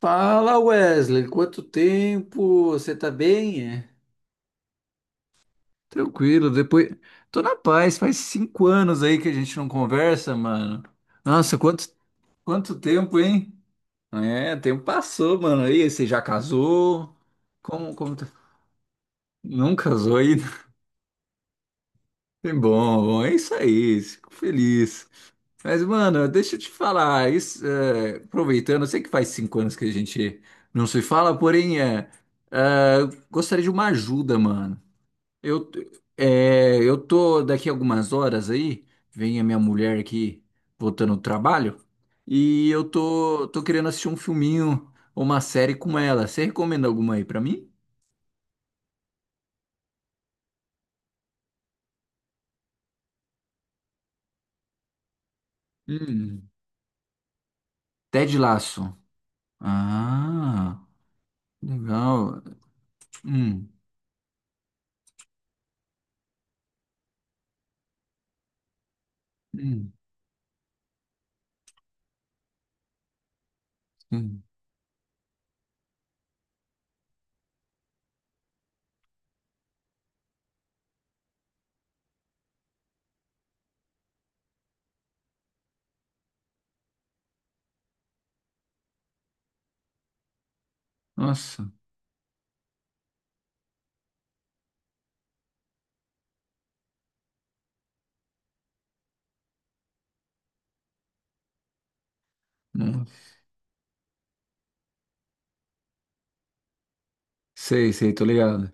Fala Wesley, quanto tempo? Você tá bem? É? Tranquilo, depois. Tô na paz, faz 5 anos aí que a gente não conversa, mano. Nossa, quanto, quanto tempo, hein? É, tempo passou, mano. E aí, você já casou? Como, como... tá- Não casou ainda? É bom, é isso aí, fico feliz. Mas, mano, deixa eu te falar, isso, é, aproveitando, eu sei que faz 5 anos que a gente não se fala, porém, eu gostaria de uma ajuda, mano. Eu, eu tô daqui algumas horas aí, vem a minha mulher aqui voltando do trabalho, e eu tô querendo assistir um filminho ou uma série com ela. Você recomenda alguma aí pra mim? Hum, Ted Lasso. Ah, legal. Hum, hum, hum. Nossa, nossa. Sei, sei, tô ligado.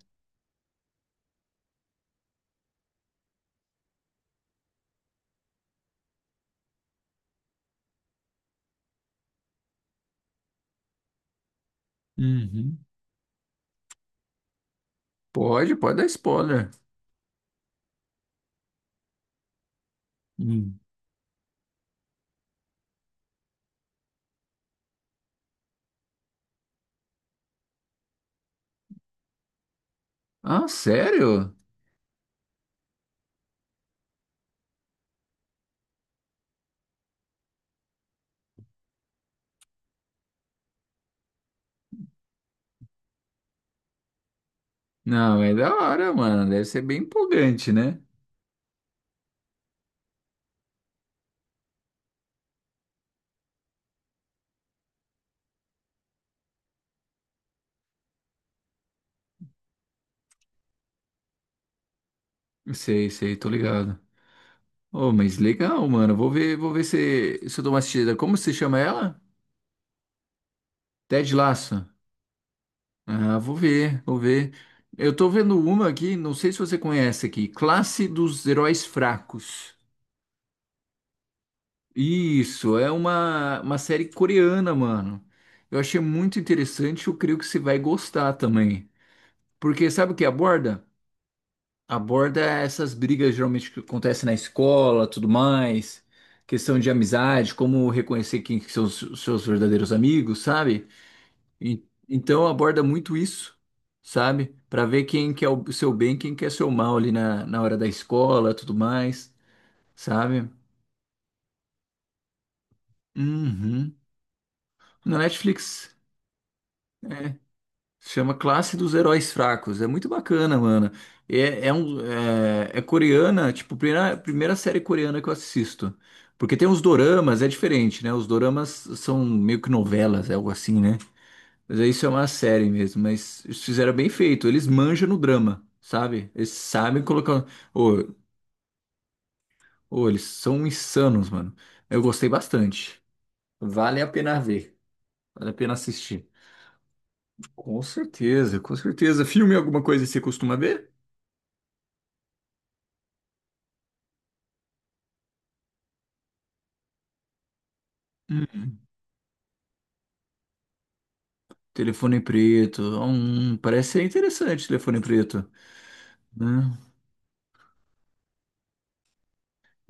Uhum. Pode, pode dar spoiler. Hum. Ah, sério? Não, é da hora, mano. Deve ser bem empolgante, né? Sei, sei, tô ligado. Oh, mas legal, mano. Vou ver se eu dou uma assistida. Como se chama ela? Ted Lasso. Ah, vou ver, vou ver. Eu tô vendo uma aqui, não sei se você conhece aqui. Classe dos Heróis Fracos. Isso, é uma série coreana, mano. Eu achei muito interessante, eu creio que você vai gostar também. Porque sabe o que aborda? Aborda essas brigas geralmente que acontecem na escola, tudo mais, questão de amizade, como reconhecer quem que são os seus verdadeiros amigos, sabe? Então aborda muito isso, sabe? Pra ver quem quer o seu bem, quem quer seu mal ali na hora da escola, tudo mais, sabe? Uhum. Na Netflix. Chama Classe dos Heróis Fracos. É muito bacana, mano. É coreana, tipo, primeira série coreana que eu assisto. Porque tem os doramas, é diferente, né? Os doramas são meio que novelas, é algo assim, né? Mas aí isso é uma série mesmo. Mas eles fizeram bem feito. Eles manjam no drama, sabe? Eles sabem colocar. Ô, ô, eles são insanos, mano. Eu gostei bastante. Vale a pena ver. Vale a pena assistir. Com certeza, com certeza. Filme alguma coisa que você costuma ver? Telefone preto. Parece ser interessante, telefone preto. Né?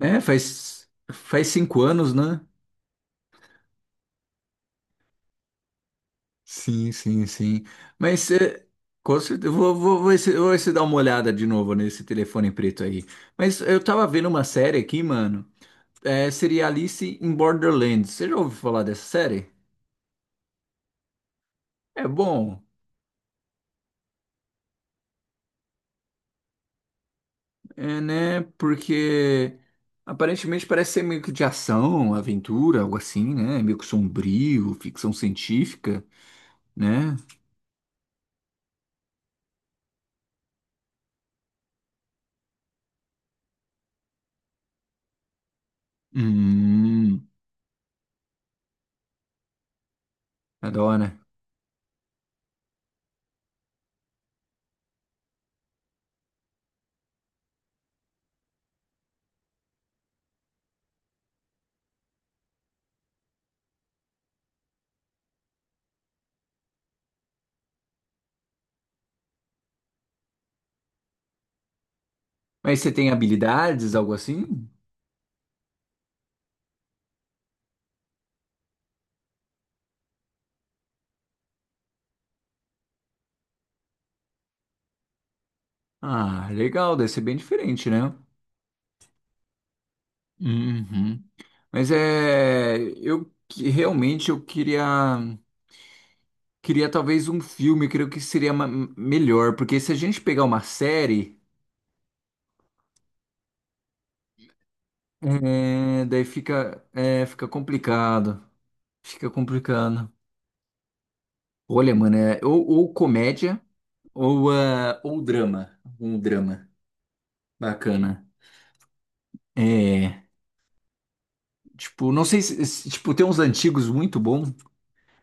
É, faz 5 anos, né? Sim, sim, sim. Mas é, com certeza, eu vou esse dar uma olhada de novo nesse telefone preto aí. Mas eu tava vendo uma série aqui, mano. É, seria Alice in Borderlands. Você já ouviu falar dessa série? É bom, é, né? Porque aparentemente parece ser meio que de ação, aventura, algo assim, né? Meio que sombrio, ficção científica. Né? Hum, adora. Mas você tem habilidades, algo assim? Ah, legal, deve ser bem diferente, né? Uhum. Mas é, realmente eu queria queria talvez um filme, eu creio que seria melhor, porque se a gente pegar uma série, é, daí fica fica complicado, fica complicado. Olha, mano, ou comédia ou ou drama, um drama bacana. É. Tipo, não sei se, se- tipo, tem uns antigos muito bons.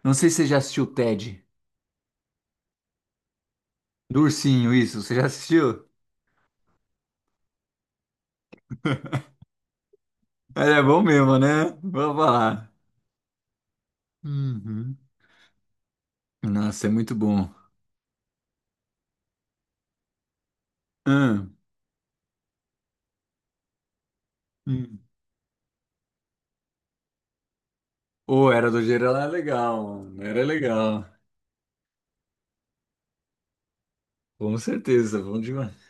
Não sei se você já assistiu o Ted. Do ursinho, isso. Você já assistiu? Ele é bom mesmo, né? Vou falar. Uhum. Nossa, é muito bom. Hum. Hum. O Era do Gelo era legal, mano. Era legal. Com certeza, bom demais.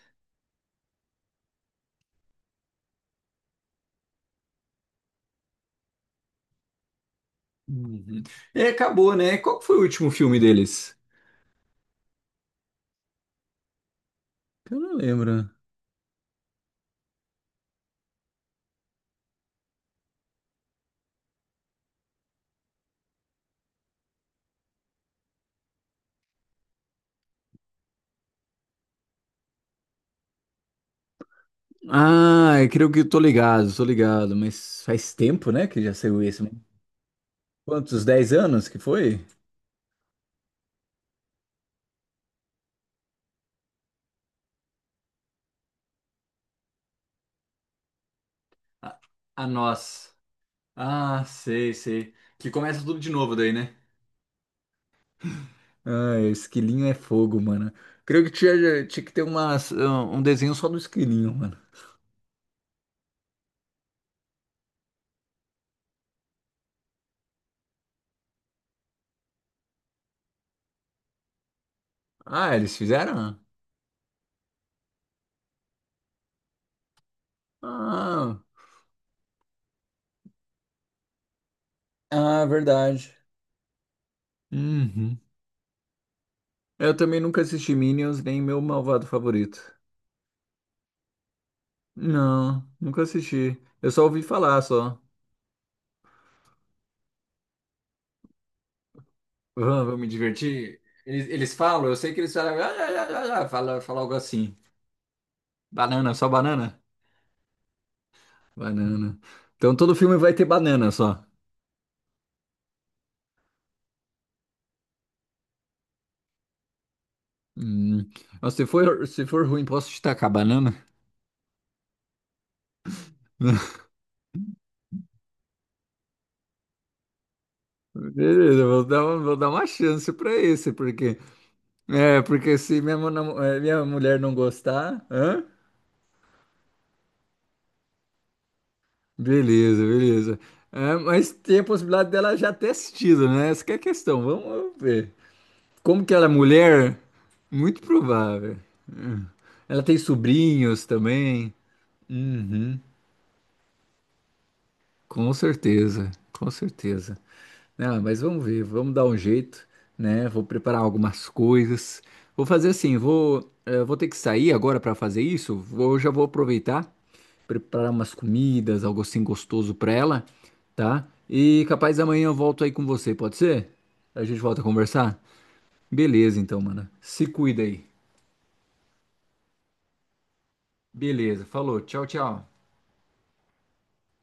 Uhum. E acabou, né? Qual que foi o último filme deles? Eu não lembro. Ah, eu creio que eu tô ligado, tô ligado. Mas faz tempo, né, que já saiu esse. Né? Quantos? 10 anos que foi? A, a nós. Ah, sei, sei. Que começa tudo de novo daí, né? Ah, esquilinho é fogo, mano. Creio que tinha que ter umas, um desenho só do esquilinho, mano. Ah, eles fizeram? Ah, ah, verdade. Uhum. Eu também nunca assisti Minions, nem meu malvado favorito. Não, nunca assisti. Eu só ouvi falar, só. Ah, vou me divertir. Eles falam, eu sei que eles falam, ah, ah, ah, ah, ah", fala algo assim. Banana, só banana? Banana. Então todo filme vai ter banana só. Hum. Mas se for ruim, posso destacar banana? Beleza, vou dar uma chance pra esse, porque é, porque se minha, mo- namo- eh, minha mulher não gostar, hã? Beleza, beleza. É, mas tem a possibilidade dela já ter assistido, né? Essa que é a questão. Vamos ver. Como que ela é mulher? Muito provável. Hum. Ela tem sobrinhos também. Uhum. Com certeza, com certeza. Né? Ah, mas vamos ver, vamos dar um jeito, né? Vou preparar algumas coisas. Vou fazer assim, vou ter que sair agora para fazer isso. Vou, já vou aproveitar, preparar umas comidas, algo assim gostoso para ela, tá? E capaz amanhã eu volto aí com você, pode ser? A gente volta a conversar? Beleza, então, mano. Se cuida aí. Beleza, falou, tchau, tchau.